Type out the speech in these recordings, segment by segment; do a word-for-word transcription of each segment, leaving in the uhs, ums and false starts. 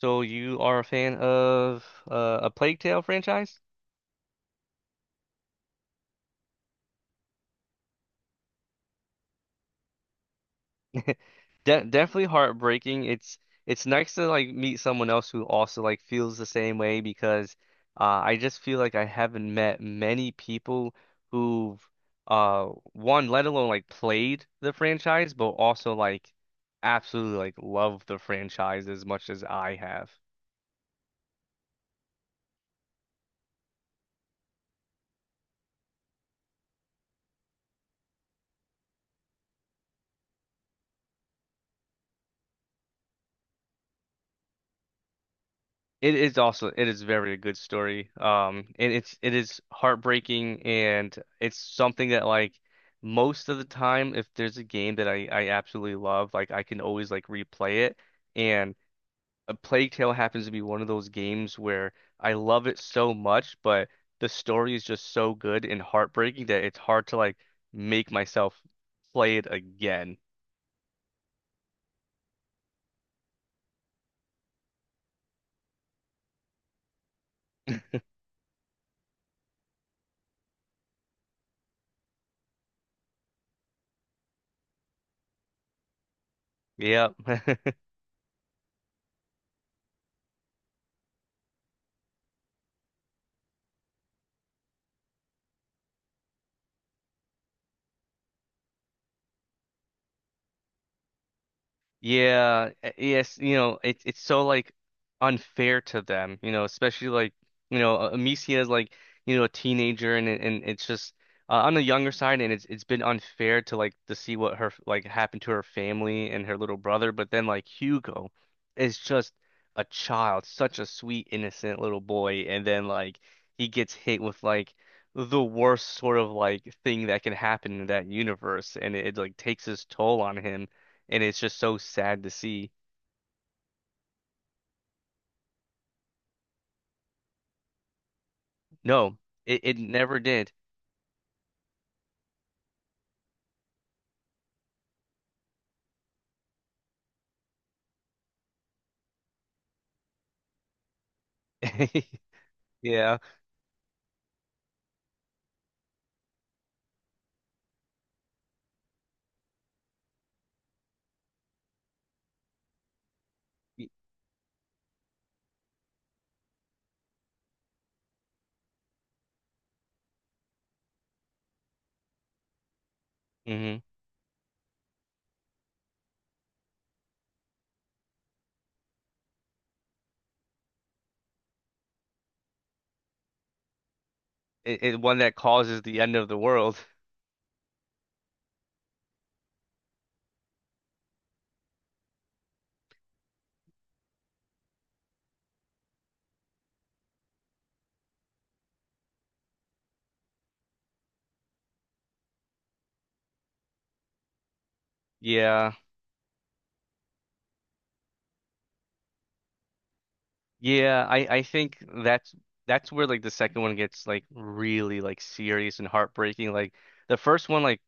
So you are a fan of uh, a Plague Tale franchise? De Definitely heartbreaking. It's it's nice to like meet someone else who also like feels the same way because uh, I just feel like I haven't met many people who've uh one, let alone like played the franchise, but also like absolutely like love the franchise as much as I have. It is also it is very good story. Um, and it's it is heartbreaking, and it's something that like most of the time, if there's a game that I I absolutely love, like I can always like replay it. And A Plague Tale happens to be one of those games where I love it so much, but the story is just so good and heartbreaking that it's hard to like make myself play it again. Yep. Yeah, e- yes, you know, it's it's so like unfair to them, you know, especially like, you know, uh, Amicia is like, you know, a teenager and it- and it's just uh, on the younger side and it's it's been unfair to like to see what her like happened to her family and her little brother, but then like Hugo is just a child, such a sweet, innocent little boy, and then like he gets hit with like the worst sort of like thing that can happen in that universe and it, it like takes its toll on him and it's just so sad to see. No, it, it never did. Yeah. Mm-hmm. It, it one that causes the end of the world. Yeah. Yeah, I I think that's that's where like the second one gets like really like serious and heartbreaking. Like the first one like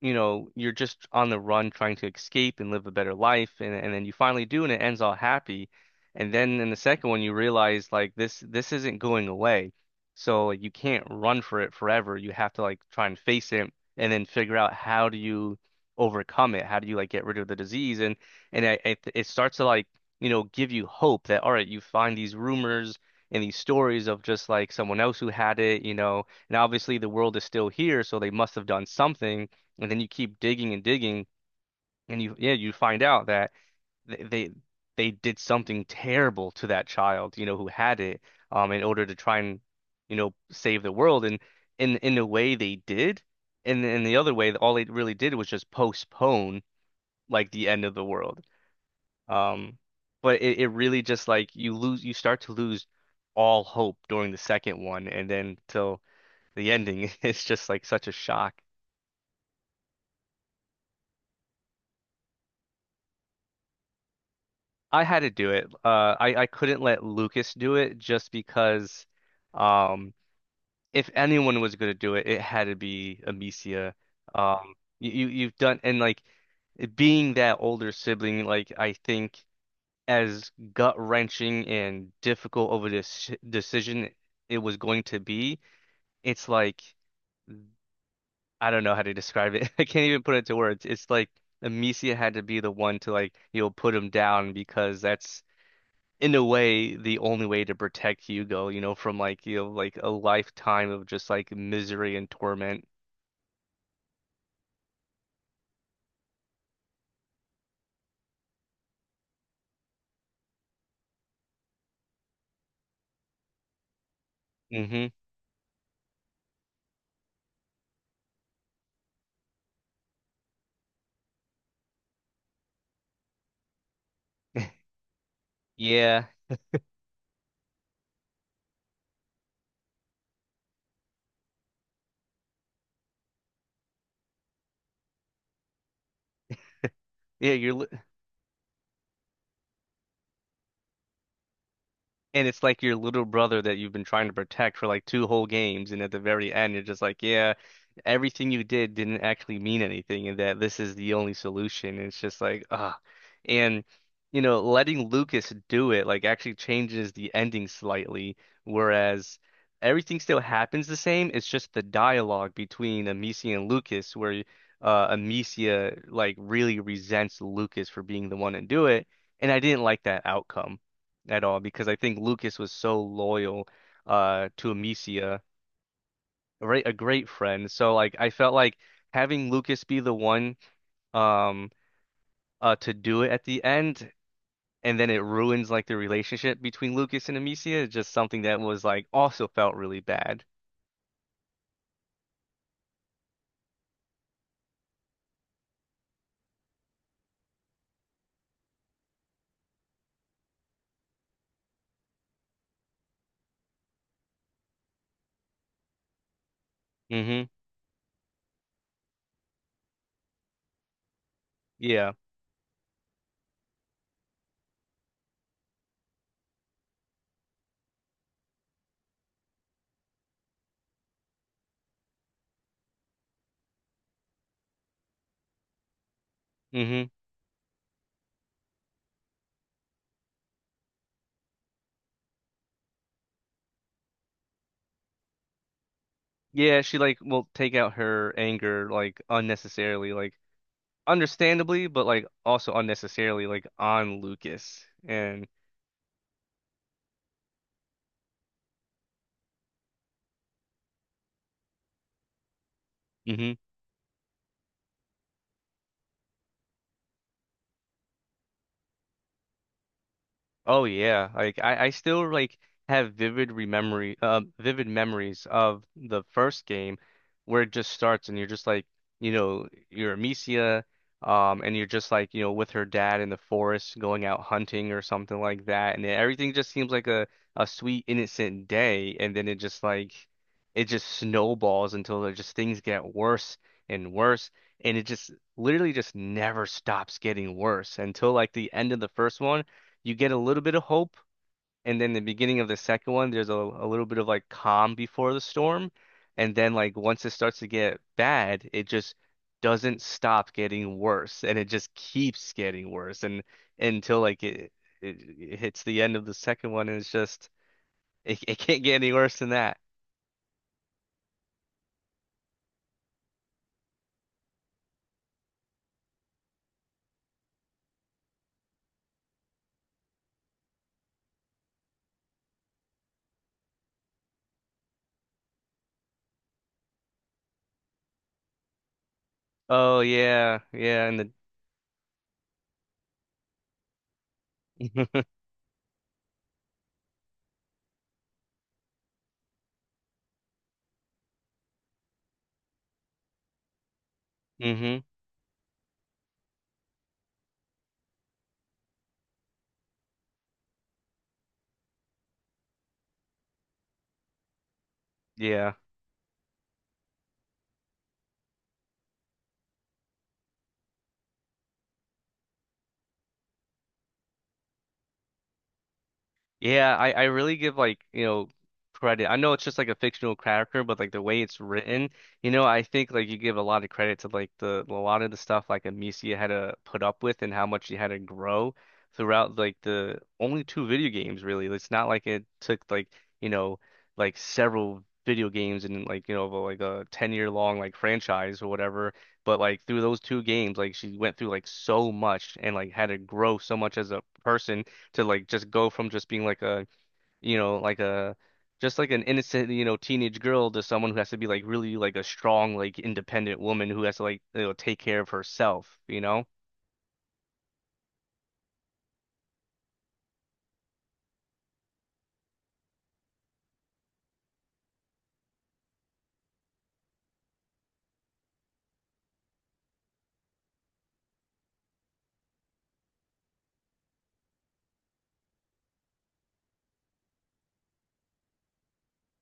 you know, you're just on the run trying to escape and live a better life and and then you finally do and it ends all happy. And then in the second one you realize like this this isn't going away. So like, you can't run for it forever. You have to like try and face it and then figure out how do you overcome it? How do you like get rid of the disease? And and I, it it starts to like, you know, give you hope that all right, you find these rumors and these stories of just like someone else who had it, you know, and obviously the world is still here, so they must have done something and then you keep digging and digging, and you yeah, you find out that they they, they did something terrible to that child, you know, who had it, um, in order to try and, you know, save the world. And in in a way they did, and in the other way, all they really did was just postpone like the end of the world. Um, but it, it really just like you lose, you start to lose all hope during the second one, and then till the ending, it's just like such a shock. I had to do it. Uh, I I couldn't let Lucas do it just because, um, if anyone was gonna do it, it had to be Amicia. Um, you you- you've done and like being that older sibling, like I think as gut wrenching and difficult of a dec decision it was going to be, it's like I don't know how to describe it. I can't even put it to words. It's like Amicia had to be the one to like you know put him down because that's in a way the only way to protect Hugo, you know, from like you know like a lifetime of just like misery and torment. Hmm Yeah. Yeah, you're And it's like your little brother that you've been trying to protect for like two whole games, and at the very end, you're just like, yeah, everything you did didn't actually mean anything, and that this is the only solution. It's just like, ah, and you know, letting Lucas do it like actually changes the ending slightly, whereas everything still happens the same. It's just the dialogue between Amicia and Lucas, where uh, Amicia like really resents Lucas for being the one to do it, and I didn't like that outcome at all because I think Lucas was so loyal uh to Amicia, right? A great friend. So like I felt like having Lucas be the one um uh to do it at the end and then it ruins like the relationship between Lucas and Amicia is just something that was like also felt really bad. Hmm Yeah. hmm Yeah, she like will take out her anger like unnecessarily, like understandably, but like also unnecessarily like on Lucas. And mhm. Oh yeah, like I, I still like have vivid rememory, uh, vivid memories of the first game where it just starts and you're just like, you know, you're Amicia, um, and you're just like, you know, with her dad in the forest going out hunting or something like that, and then everything just seems like a a sweet innocent day, and then it just like, it just snowballs until it just things get worse and worse, and it just literally just never stops getting worse until like the end of the first one you get a little bit of hope, and then the beginning of the second one, there's a, a little bit of like calm before the storm, and then like once it starts to get bad, it just doesn't stop getting worse, and it just keeps getting worse, and until like it it, it hits the end of the second one, and it's just it, it can't get any worse than that. Oh yeah, yeah, and the hmm yeah. Yeah, I, I really give like, you know, credit. I know it's just like a fictional character, but like the way it's written, you know, I think like you give a lot of credit to like the a lot of the stuff like Amicia had to put up with and how much she had to grow throughout like the only two video games really. It's not like it took like, you know, like several video games and like, you know, like a ten year long like franchise or whatever, but like through those two games, like she went through like so much and like had to grow so much as a person to like just go from just being like a, you know, like a just like an innocent, you know, teenage girl to someone who has to be like really like a strong, like independent woman who has to like, you know, take care of herself, you know?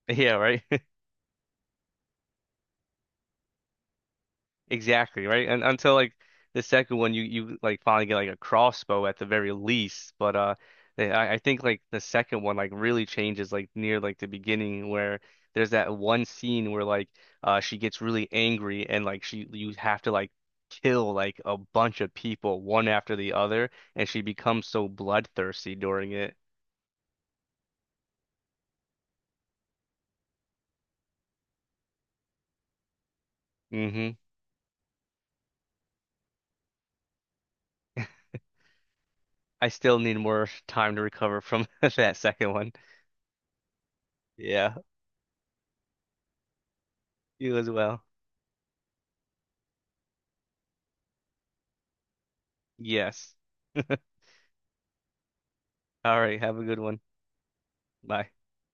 Yeah, right. Exactly, right? And until like the second one you you like finally get like a crossbow at the very least. But uh they, I, I think like the second one like really changes like near like the beginning where there's that one scene where like uh she gets really angry and like she you have to like kill like a bunch of people one after the other and she becomes so bloodthirsty during it. Hmm I still need more time to recover from that second one. Yeah, you as well. Yes. All right. Have a good one. Bye.